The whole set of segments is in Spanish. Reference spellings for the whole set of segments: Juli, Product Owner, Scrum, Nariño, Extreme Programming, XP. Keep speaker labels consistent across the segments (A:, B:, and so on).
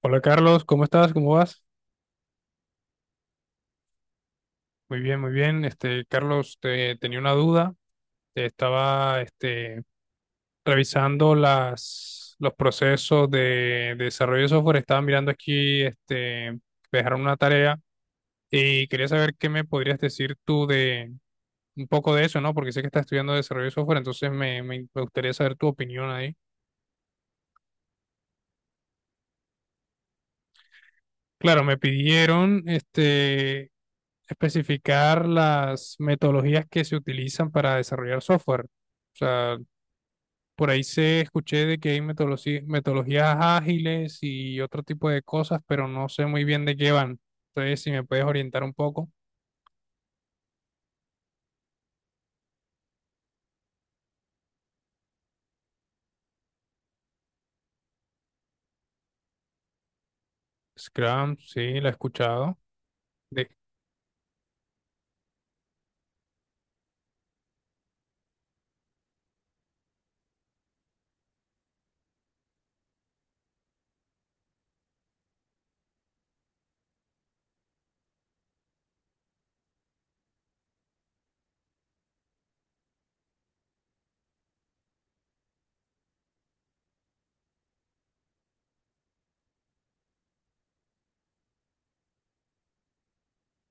A: Hola Carlos, ¿cómo estás? ¿Cómo vas? Muy bien, muy bien. Carlos, tenía una duda. Te estaba revisando los procesos de desarrollo de software. Estaba mirando aquí, me dejaron una tarea y quería saber qué me podrías decir tú de un poco de eso, ¿no? Porque sé que estás estudiando desarrollo de software, entonces me gustaría saber tu opinión ahí. Claro, me pidieron especificar las metodologías que se utilizan para desarrollar software. O sea, por ahí se escuché de que hay metodologías ágiles y otro tipo de cosas, pero no sé muy bien de qué van. Entonces, si me puedes orientar un poco. Scrum, sí, la he escuchado. De,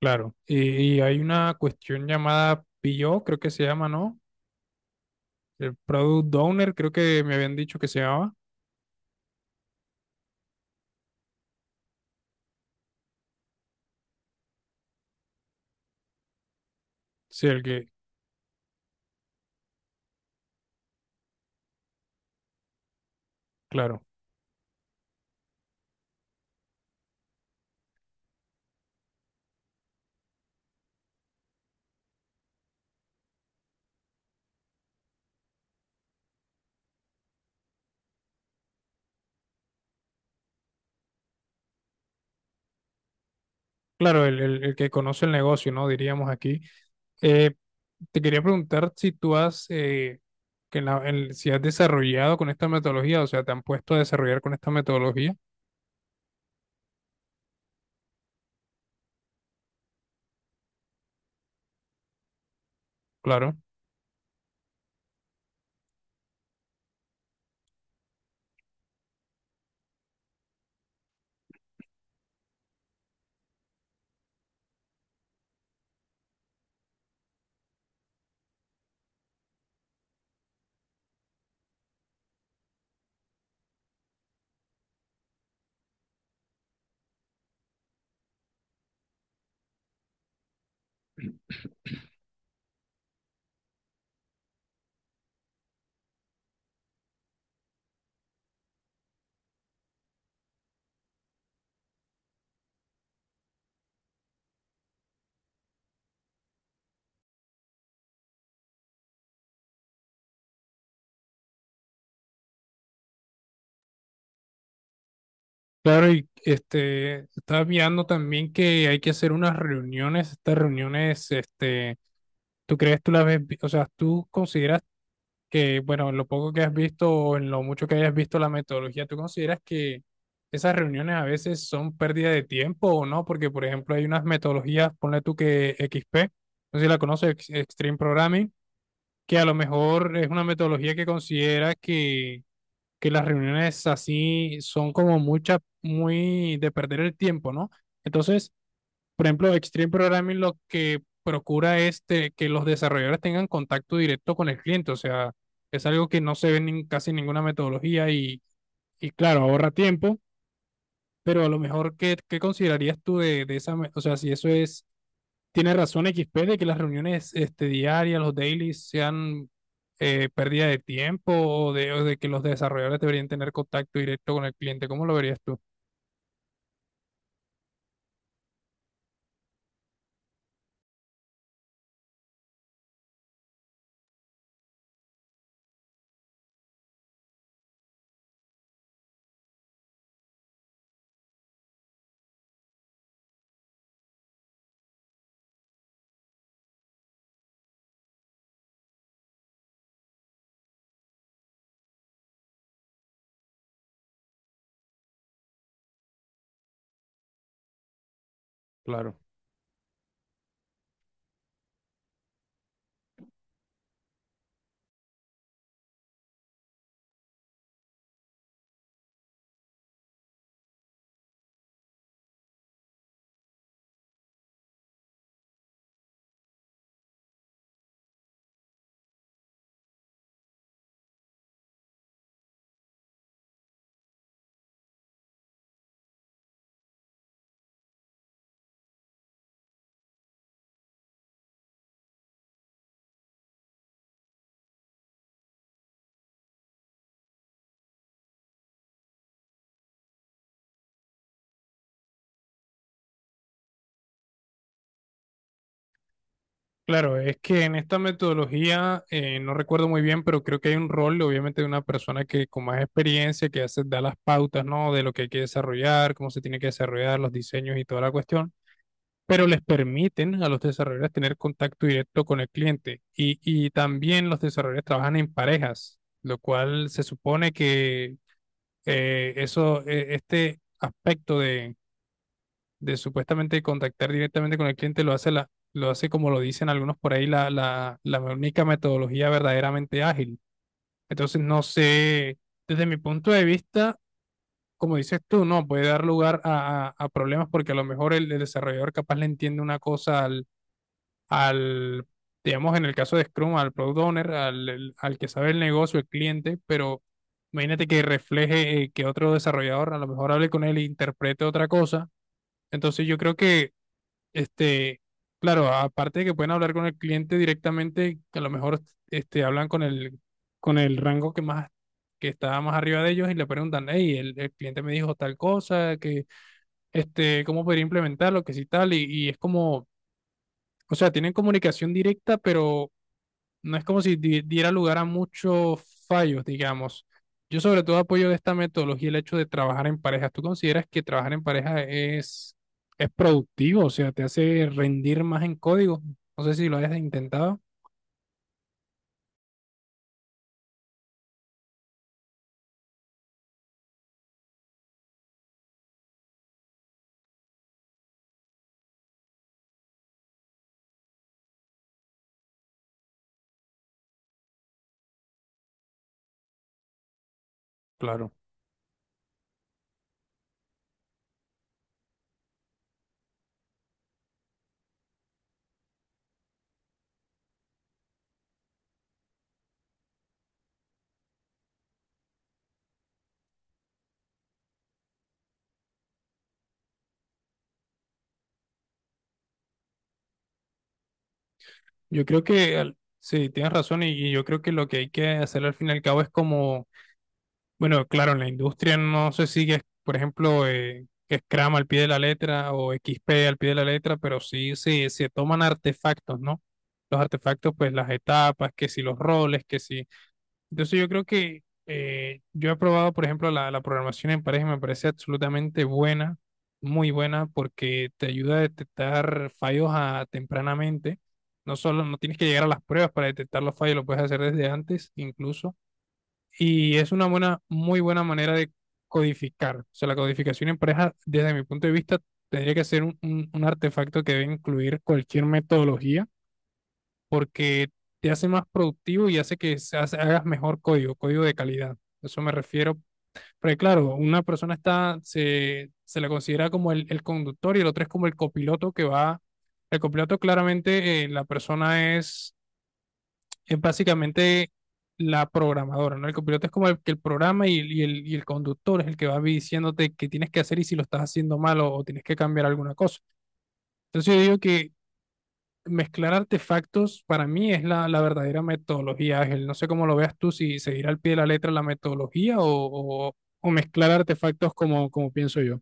A: claro. Y hay una cuestión llamada PO, creo que se llama, ¿no? El Product Owner, creo que me habían dicho que se llamaba. Sí, el que, claro. Claro, el que conoce el negocio, ¿no? Diríamos aquí. Eh, te quería preguntar si tú has, que en si has desarrollado con esta metodología, o sea, te han puesto a desarrollar con esta metodología, claro. Claro, y estaba mirando también que hay que hacer unas reuniones, estas reuniones, ¿tú crees, tú las ves, o sea, tú consideras que, bueno, en lo poco que has visto o en lo mucho que hayas visto la metodología, ¿tú consideras que esas reuniones a veces son pérdida de tiempo o no? Porque, por ejemplo, hay unas metodologías, ponle tú que XP, no sé si la conoces, Extreme Programming, que a lo mejor es una metodología que considera que las reuniones así son como mucha, muy de perder el tiempo, ¿no? Entonces, por ejemplo, Extreme Programming lo que procura es que los desarrolladores tengan contacto directo con el cliente, o sea, es algo que no se ve en casi ninguna metodología y claro, ahorra tiempo, pero a lo mejor, ¿qué, qué considerarías tú de esa, o sea, si eso es, tiene razón XP de que las reuniones diarias, los dailies, sean pérdida de tiempo o de que los desarrolladores deberían tener contacto directo con el cliente, ¿cómo lo verías tú? Claro. Claro, es que en esta metodología, no recuerdo muy bien, pero creo que hay un rol, obviamente, de una persona que con más experiencia, que hace, da las pautas, ¿no? De lo que hay que desarrollar, cómo se tiene que desarrollar, los diseños y toda la cuestión, pero les permiten a los desarrolladores tener contacto directo con el cliente. Y también los desarrolladores trabajan en parejas, lo cual se supone que eso, este aspecto de supuestamente contactar directamente con el cliente, lo hace lo hace como lo dicen algunos por ahí, la única metodología verdaderamente ágil. Entonces, no sé, desde mi punto de vista, como dices tú, no, puede dar lugar a, a problemas porque a lo mejor el desarrollador capaz le entiende una cosa al, al, digamos, en el caso de Scrum, al product owner, al que sabe el negocio, el cliente, pero imagínate que refleje que otro desarrollador a lo mejor hable con él e interprete otra cosa. Entonces yo creo que este, claro, aparte de que pueden hablar con el cliente directamente, que a lo mejor hablan con el rango que más, que está más arriba de ellos y le preguntan, hey, el cliente me dijo tal cosa, que, cómo podría implementarlo, que si tal, y es como, o sea, tienen comunicación directa, pero no es como si diera lugar a muchos fallos, digamos. Yo sobre todo apoyo de esta metodología el hecho de trabajar en parejas. ¿Tú consideras que trabajar en pareja es productivo? O sea, te hace rendir más en código. No sé si lo hayas intentado. Claro. Yo creo que al- sí, tienes razón y yo creo que lo que hay que hacer al fin y al cabo es como bueno, claro, en la industria no se sigue, por ejemplo, Scrum al pie de la letra o X P al pie de la letra, pero sí, sí se toman artefactos, ¿no? Los artefactos, pues las etapas, que si los roles, que si. Entonces yo creo que yo he probado, por ejemplo, la programación en pareja y me parece absolutamente buena, muy buena, porque te ayuda a detectar fallos tempranamente. No solo no tienes que llegar a las pruebas para detectar los fallos, lo puedes hacer desde antes incluso y es una buena, muy buena manera de codificar. O sea, la codificación en pareja, desde mi punto de vista, tendría que ser un artefacto que debe incluir cualquier metodología porque te hace más productivo y hace que hagas mejor código, código de calidad. Eso me refiero. Porque claro, una persona está, se la considera como el conductor y el otro es como el copiloto que va. El copiloto claramente, la persona es básicamente la programadora, ¿no? El copiloto es como el que el programa y, y el conductor es el que va diciéndote qué tienes que hacer y si lo estás haciendo mal o tienes que cambiar alguna cosa. Entonces yo digo que mezclar artefactos para mí es la, la verdadera metodología, Ángel. No sé cómo lo veas tú, si seguir al pie de la letra la metodología o, o mezclar artefactos como, como pienso yo.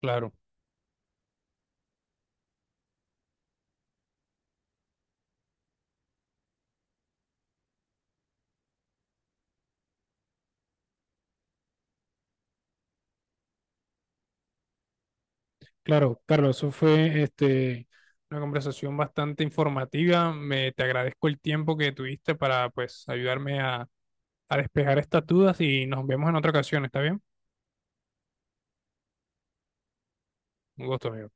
A: Claro, claro, Carlos, eso fue una conversación bastante informativa. Te agradezco el tiempo que tuviste para pues ayudarme a despejar estas dudas y nos vemos en otra ocasión, ¿está bien? Un gusto, amigo.